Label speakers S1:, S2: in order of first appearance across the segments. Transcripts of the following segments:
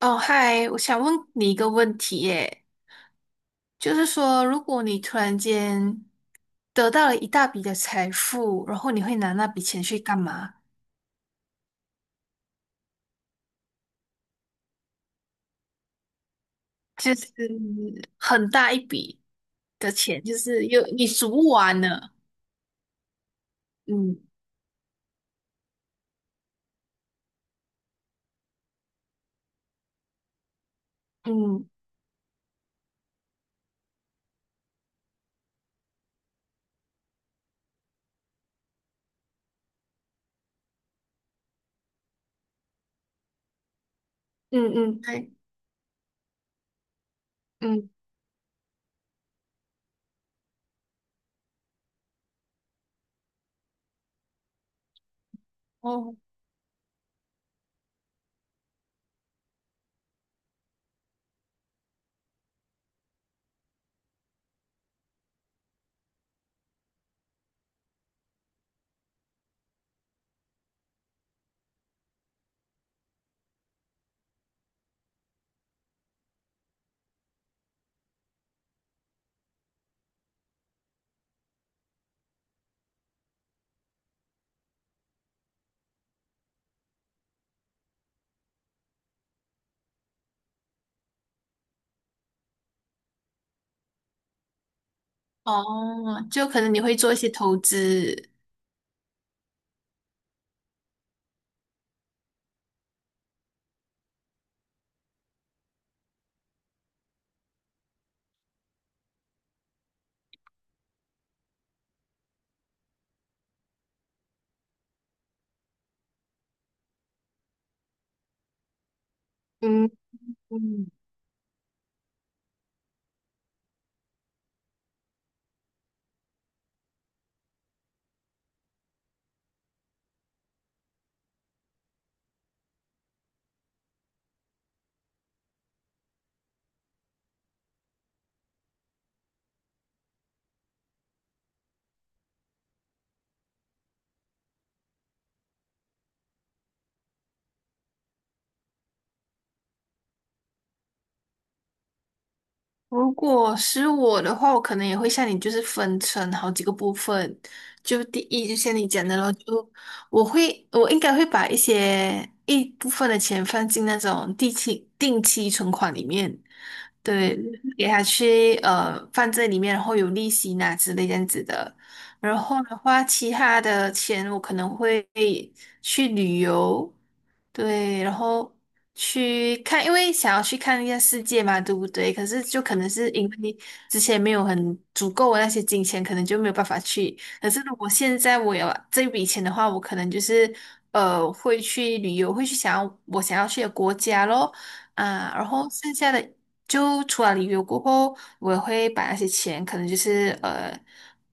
S1: 哦，嗨，我想问你一个问题耶，就是说，如果你突然间得到了一大笔的财富，然后你会拿那笔钱去干嘛？就是很大一笔的钱，就是有你数不完的。嗯嗯嗯嗯，对，嗯，哦哦，就可能你会做一些投资。嗯嗯如果是我的话，我可能也会像你，就是分成好几个部分。就第一，就像你讲的咯，就我会，我应该会把一部分的钱放进那种定期存款里面，对，给他去放在里面，然后有利息拿之类这样子的。然后的话，其他的钱我可能会去旅游，对，然后去看，因为想要去看一下世界嘛，对不对？可是就可能是因为之前没有很足够的那些金钱，可能就没有办法去。可是如果现在我有这笔钱的话，我可能就是会去旅游，会去想要我想要去的国家咯。啊，然后剩下的就除了旅游过后，我也会把那些钱可能就是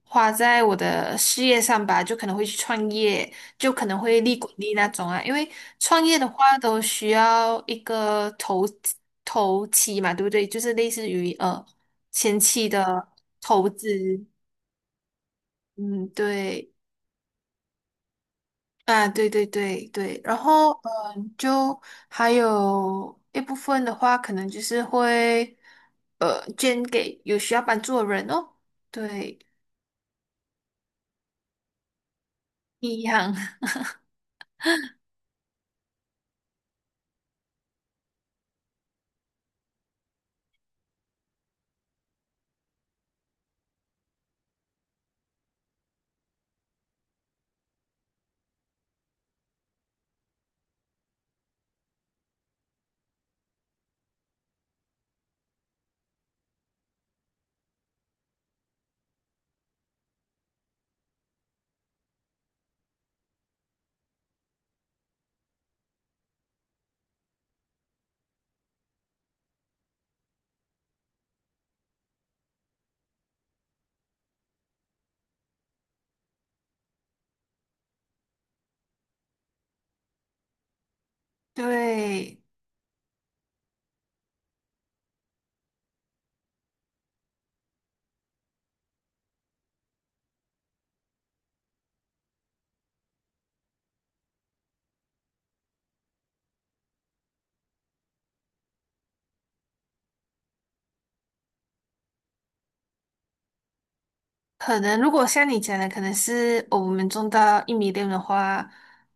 S1: 花在我的事业上吧，就可能会去创业，就可能会利滚利那种啊。因为创业的话都需要一个投期嘛，对不对？就是类似于前期的投资，嗯，对。啊，对对对对，然后嗯，就还有一部分的话，可能就是会捐给有需要帮助的人哦，对，一样，对，可能如果像你讲的，可能是我们种到一米六的话，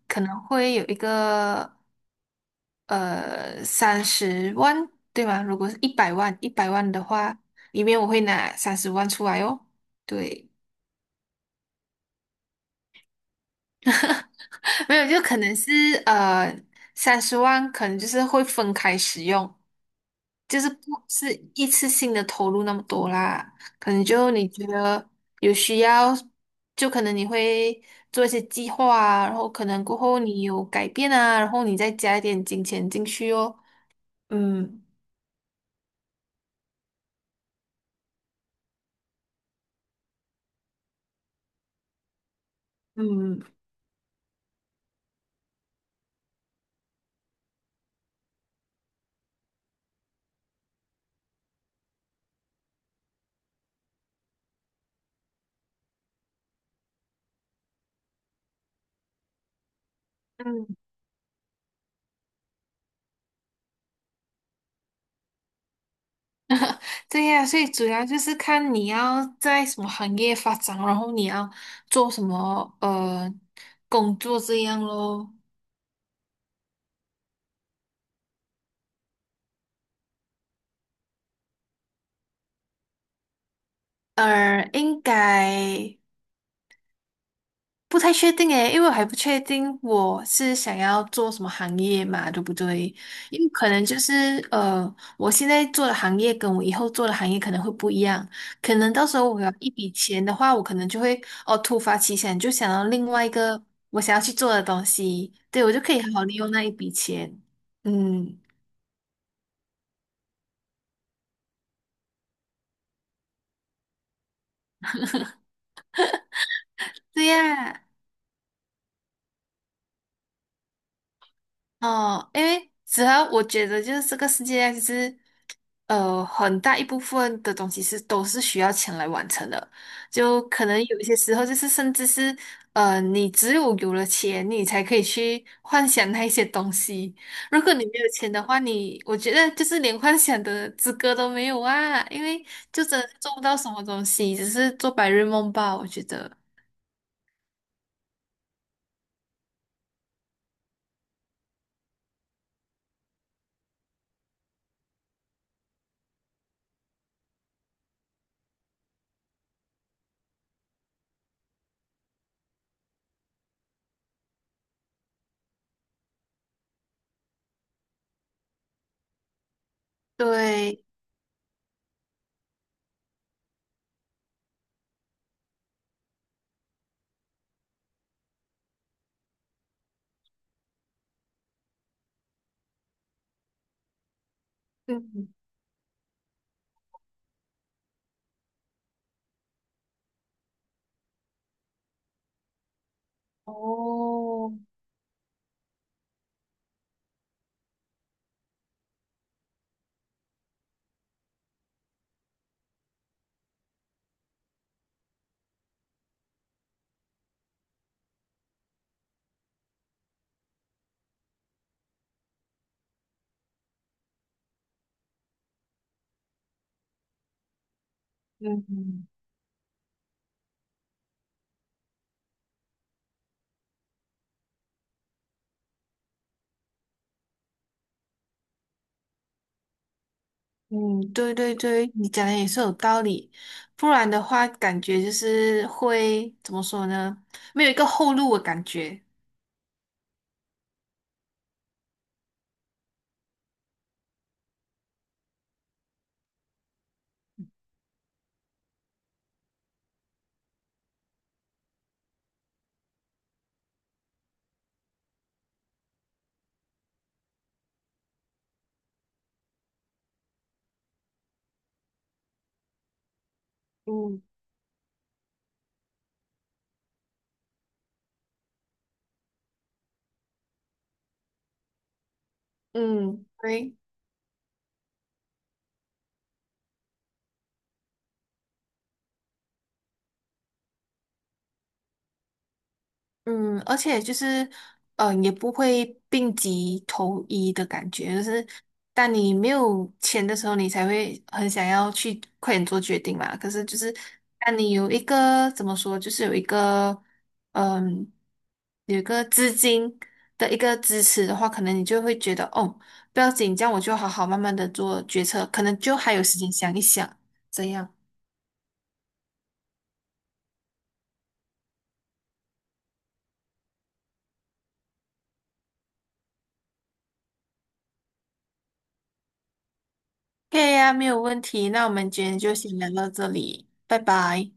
S1: 可能会有一个三十万，对吗？如果是一百万，一百万的话，里面我会拿三十万出来哦，对。没有，就可能是呃，三十万可能就是会分开使用，就是不是一次性的投入那么多啦。可能就你觉得有需要，就可能你会做一些计划啊，然后可能过后你有改变啊，然后你再加一点金钱进去哦。嗯嗯嗯，对呀，所以主要就是看你要在什么行业发展，然后你要做什么工作这样咯。应该不太确定诶，因为我还不确定我是想要做什么行业嘛，对不对？因为可能就是我现在做的行业跟我以后做的行业可能会不一样，可能到时候我有一笔钱的话，我可能就会哦突发奇想，就想到另外一个我想要去做的东西，对，我就可以好好利用那一笔钱。嗯，对呀。哦，因为主要我觉得就是这个世界上其实，很大一部分的东西是都是需要钱来完成的，就可能有一些时候就是甚至是，你只有有了钱，你才可以去幻想那一些东西。如果你没有钱的话，你我觉得就是连幻想的资格都没有啊，因为就真的是做不到什么东西，只是做白日梦吧，我觉得。对，嗯，哦，嗯，嗯，对对对，你讲的也是有道理，不然的话，感觉就是会怎么说呢？没有一个后路的感觉。嗯。嗯，对。嗯，而且就是，嗯，也不会病急投医的感觉，就是当你没有钱的时候，你才会很想要去快点做决定嘛。可是就是，当你有一个怎么说，就是有一个，嗯，有一个资金的一个支持的话，可能你就会觉得，哦，不要紧，这样我就好好慢慢的做决策，可能就还有时间想一想，这样。可以呀，没有问题。那我们今天就先聊到这里，拜拜。